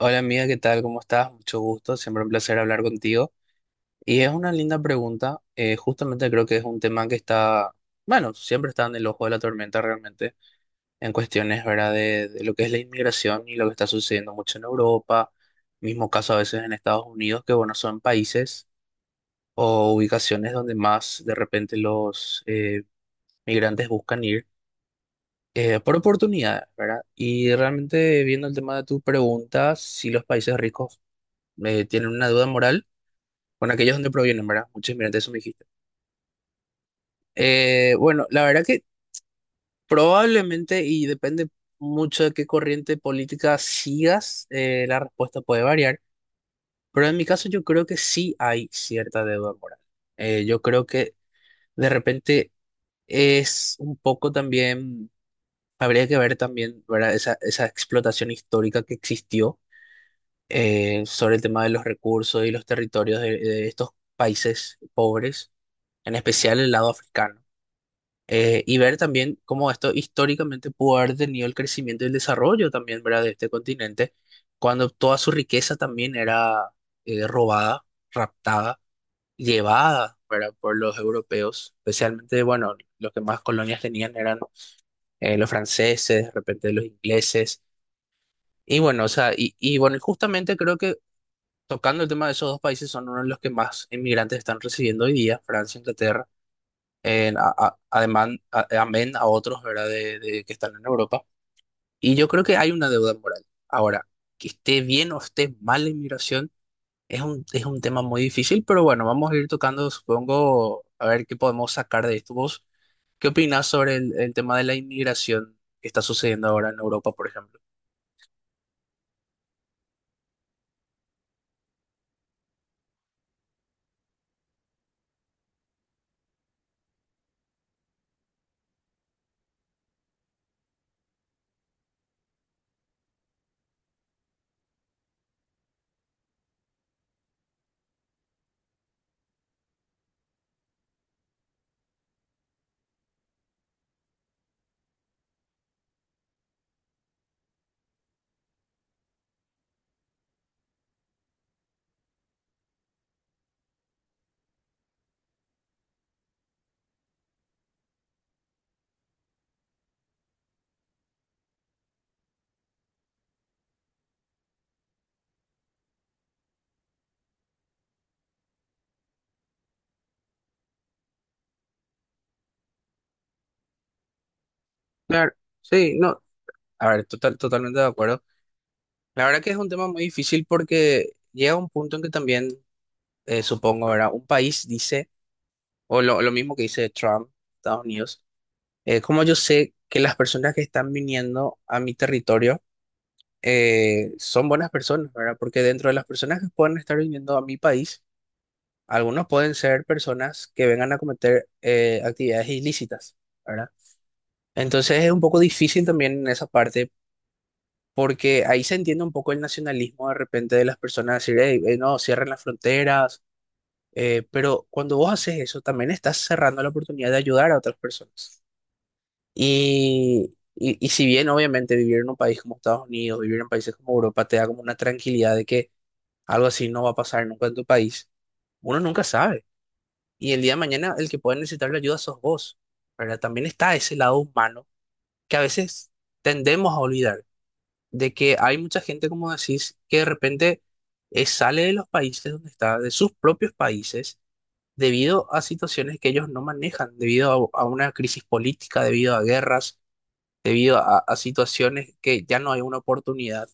Hola amiga, ¿qué tal? ¿Cómo estás? Mucho gusto, siempre un placer hablar contigo. Y es una linda pregunta, justamente creo que es un tema que está, bueno, siempre está en el ojo de la tormenta realmente, en cuestiones, ¿verdad?, de lo que es la inmigración y lo que está sucediendo mucho en Europa, mismo caso a veces en Estados Unidos, que bueno, son países o ubicaciones donde más de repente los migrantes buscan ir. Por oportunidades, ¿verdad? Y realmente viendo el tema de tu pregunta, si los países ricos tienen una duda moral, bueno, aquellos donde provienen, ¿verdad? Muchos inmigrantes, eso me dijiste. Bueno, la verdad que probablemente, y depende mucho de qué corriente política sigas, la respuesta puede variar, pero en mi caso yo creo que sí hay cierta deuda moral. Yo creo que de repente es un poco también, habría que ver también, ¿verdad? Esa explotación histórica que existió sobre el tema de los recursos y los territorios de estos países pobres, en especial el lado africano. Y ver también cómo esto históricamente pudo haber tenido el crecimiento y el desarrollo también, ¿verdad? De este continente, cuando toda su riqueza también era robada, raptada, llevada, ¿verdad? Por los europeos, especialmente, bueno, los que más colonias tenían eran los franceses, de repente los ingleses, y bueno, o sea, y bueno, y justamente creo que tocando el tema de esos dos países son uno de los que más inmigrantes están recibiendo hoy día, Francia e Inglaterra además, amén a otros, ¿verdad? De que están en Europa. Y yo creo que hay una deuda moral. Ahora, que esté bien o esté mal la inmigración es un tema muy difícil, pero bueno, vamos a ir tocando, supongo, a ver qué podemos sacar de esto. ¿Vos qué opinás sobre el tema de la inmigración que está sucediendo ahora en Europa, por ejemplo? Claro, sí, no, a ver, totalmente de acuerdo. La verdad que es un tema muy difícil porque llega un punto en que también, supongo, ¿verdad? Un país dice... o lo mismo que dice Trump, Estados Unidos, como yo sé que las personas que están viniendo a mi territorio son buenas personas, ¿verdad? Porque dentro de las personas que pueden estar viniendo a mi país, algunos pueden ser personas que vengan a cometer actividades ilícitas, ¿verdad? Entonces es un poco difícil también en esa parte. Porque ahí se entiende un poco el nacionalismo de repente de las personas, decir, hey, no, cierren las fronteras, pero cuando vos haces eso, también estás cerrando la oportunidad de ayudar a otras personas. Y si bien obviamente vivir en un país como Estados Unidos, vivir en países como Europa, te da como una tranquilidad de que algo así no va a pasar nunca en tu país, uno nunca sabe. Y el día de mañana el que puede necesitar la ayuda sos vos, ¿verdad? También está ese lado humano que a veces tendemos a olvidar, de que hay mucha gente, como decís, que de repente sale de los países donde está, de sus propios países, debido a situaciones que ellos no manejan, debido a una crisis política, debido a guerras debido a situaciones que ya no hay una oportunidad.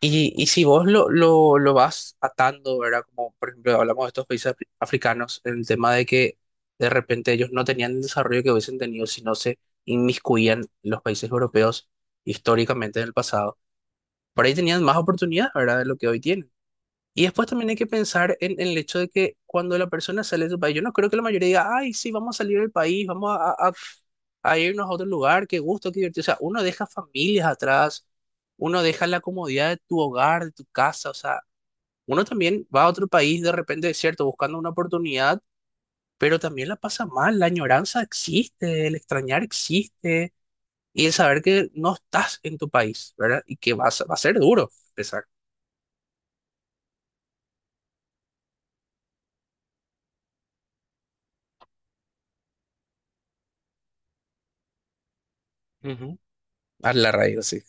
Y si vos lo vas atando, ¿verdad? Como por ejemplo hablamos de estos países africanos, el tema de que de repente ellos no tenían el desarrollo que hubiesen tenido si no se inmiscuían los países europeos históricamente en el pasado. Por ahí tenían más oportunidades, ¿verdad? De lo que hoy tienen. Y después también hay que pensar en el hecho de que cuando la persona sale de su país, yo no creo que la mayoría diga, ay, sí, vamos a salir del país, vamos a, a irnos a otro lugar, qué gusto, qué divertido. O sea, uno deja familias atrás, uno deja la comodidad de tu hogar, de tu casa, o sea, uno también va a otro país de repente, es cierto, buscando una oportunidad, pero también la pasa mal, la añoranza existe, el extrañar existe, y el saber que no estás en tu país, ¿verdad? Y que vas, va a ser duro empezar. Ujú. A la raíz, sí.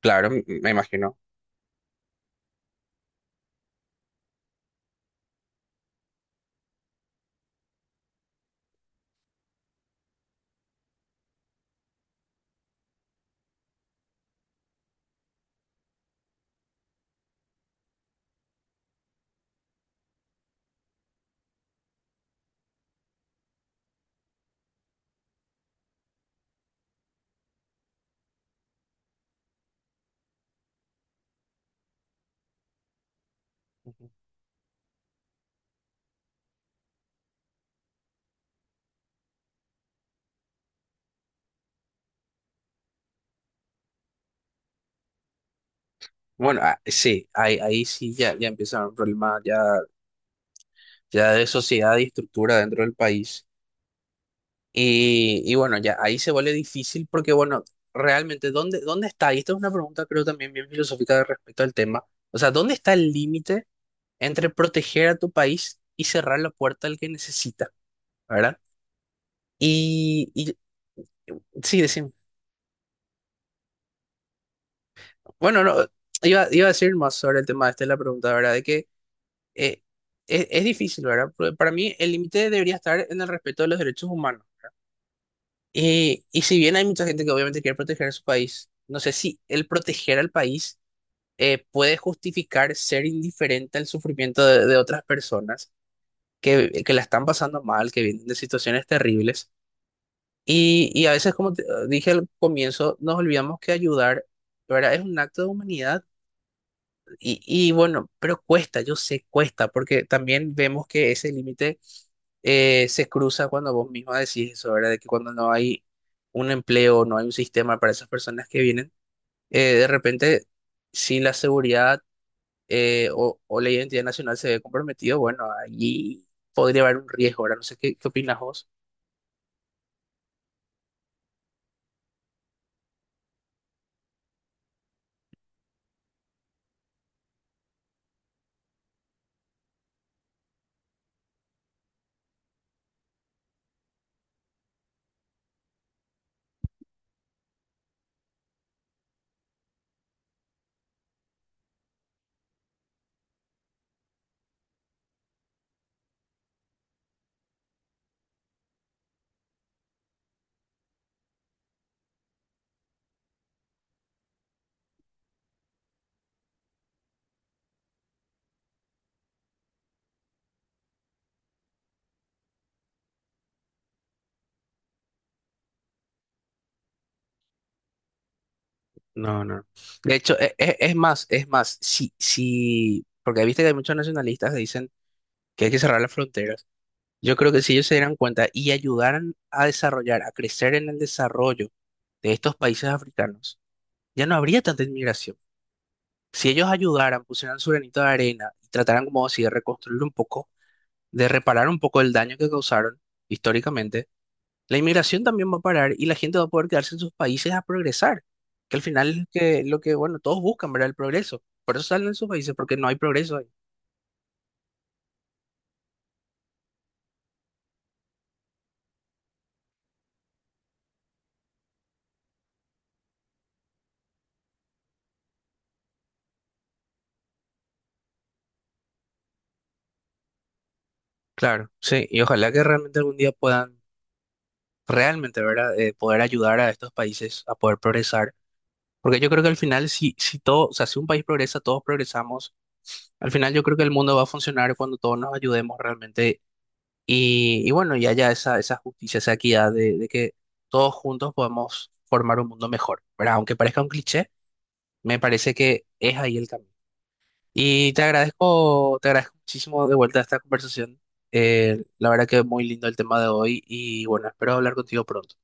Claro, me imagino. Bueno, ah, sí, ahí, ahí sí ya, ya empieza un problema ya, ya de sociedad y estructura dentro del país. Y bueno, ya ahí se vuelve difícil porque, bueno, realmente, ¿dónde, dónde está? Y esta es una pregunta creo también bien filosófica de respecto al tema. O sea, ¿dónde está el límite entre proteger a tu país y cerrar la puerta al que necesita? ¿Verdad? Y sí, decimos, bueno, no, iba, iba a decir más sobre el tema, esta es la pregunta, ¿verdad? De que eh, es difícil, ¿verdad? Pero para mí el límite debería estar en el respeto de los derechos humanos. Y si bien hay mucha gente que obviamente quiere proteger a su país, no sé si el proteger al país puede justificar ser indiferente al sufrimiento de otras personas que la están pasando mal, que vienen de situaciones terribles. Y a veces, como dije al comienzo, nos olvidamos que ayudar, ¿verdad? Es un acto de humanidad. Y bueno, pero cuesta, yo sé, cuesta, porque también vemos que ese límite se cruza cuando vos misma decís eso, ¿verdad? De que cuando no hay un empleo, no hay un sistema para esas personas que vienen, de repente, si la seguridad o la identidad nacional se ve comprometido, bueno, allí podría haber un riesgo, ¿verdad? No sé qué, qué opinas vos. No, no. De hecho, es más, si, si, porque viste que hay muchos nacionalistas que dicen que hay que cerrar las fronteras. Yo creo que si ellos se dieran cuenta y ayudaran a desarrollar, a crecer en el desarrollo de estos países africanos, ya no habría tanta inmigración. Si ellos ayudaran, pusieran su granito de arena y trataran como así de reconstruir un poco, de reparar un poco el daño que causaron históricamente, la inmigración también va a parar y la gente va a poder quedarse en sus países a progresar, que al final es que, lo que, bueno, todos buscan, ¿verdad? El progreso. Por eso salen de sus países, porque no hay progreso ahí. Claro, sí, y ojalá que realmente algún día puedan realmente, ¿verdad? Poder ayudar a estos países a poder progresar. Porque yo creo que al final, si, si todo, o sea, si un país progresa, todos progresamos. Al final yo creo que el mundo va a funcionar cuando todos nos ayudemos realmente y bueno, y haya esa, esa justicia, esa equidad de que todos juntos podemos formar un mundo mejor, ¿verdad? Aunque parezca un cliché, me parece que es ahí el camino. Y te agradezco muchísimo de vuelta a esta conversación. La verdad que es muy lindo el tema de hoy y bueno, espero hablar contigo pronto.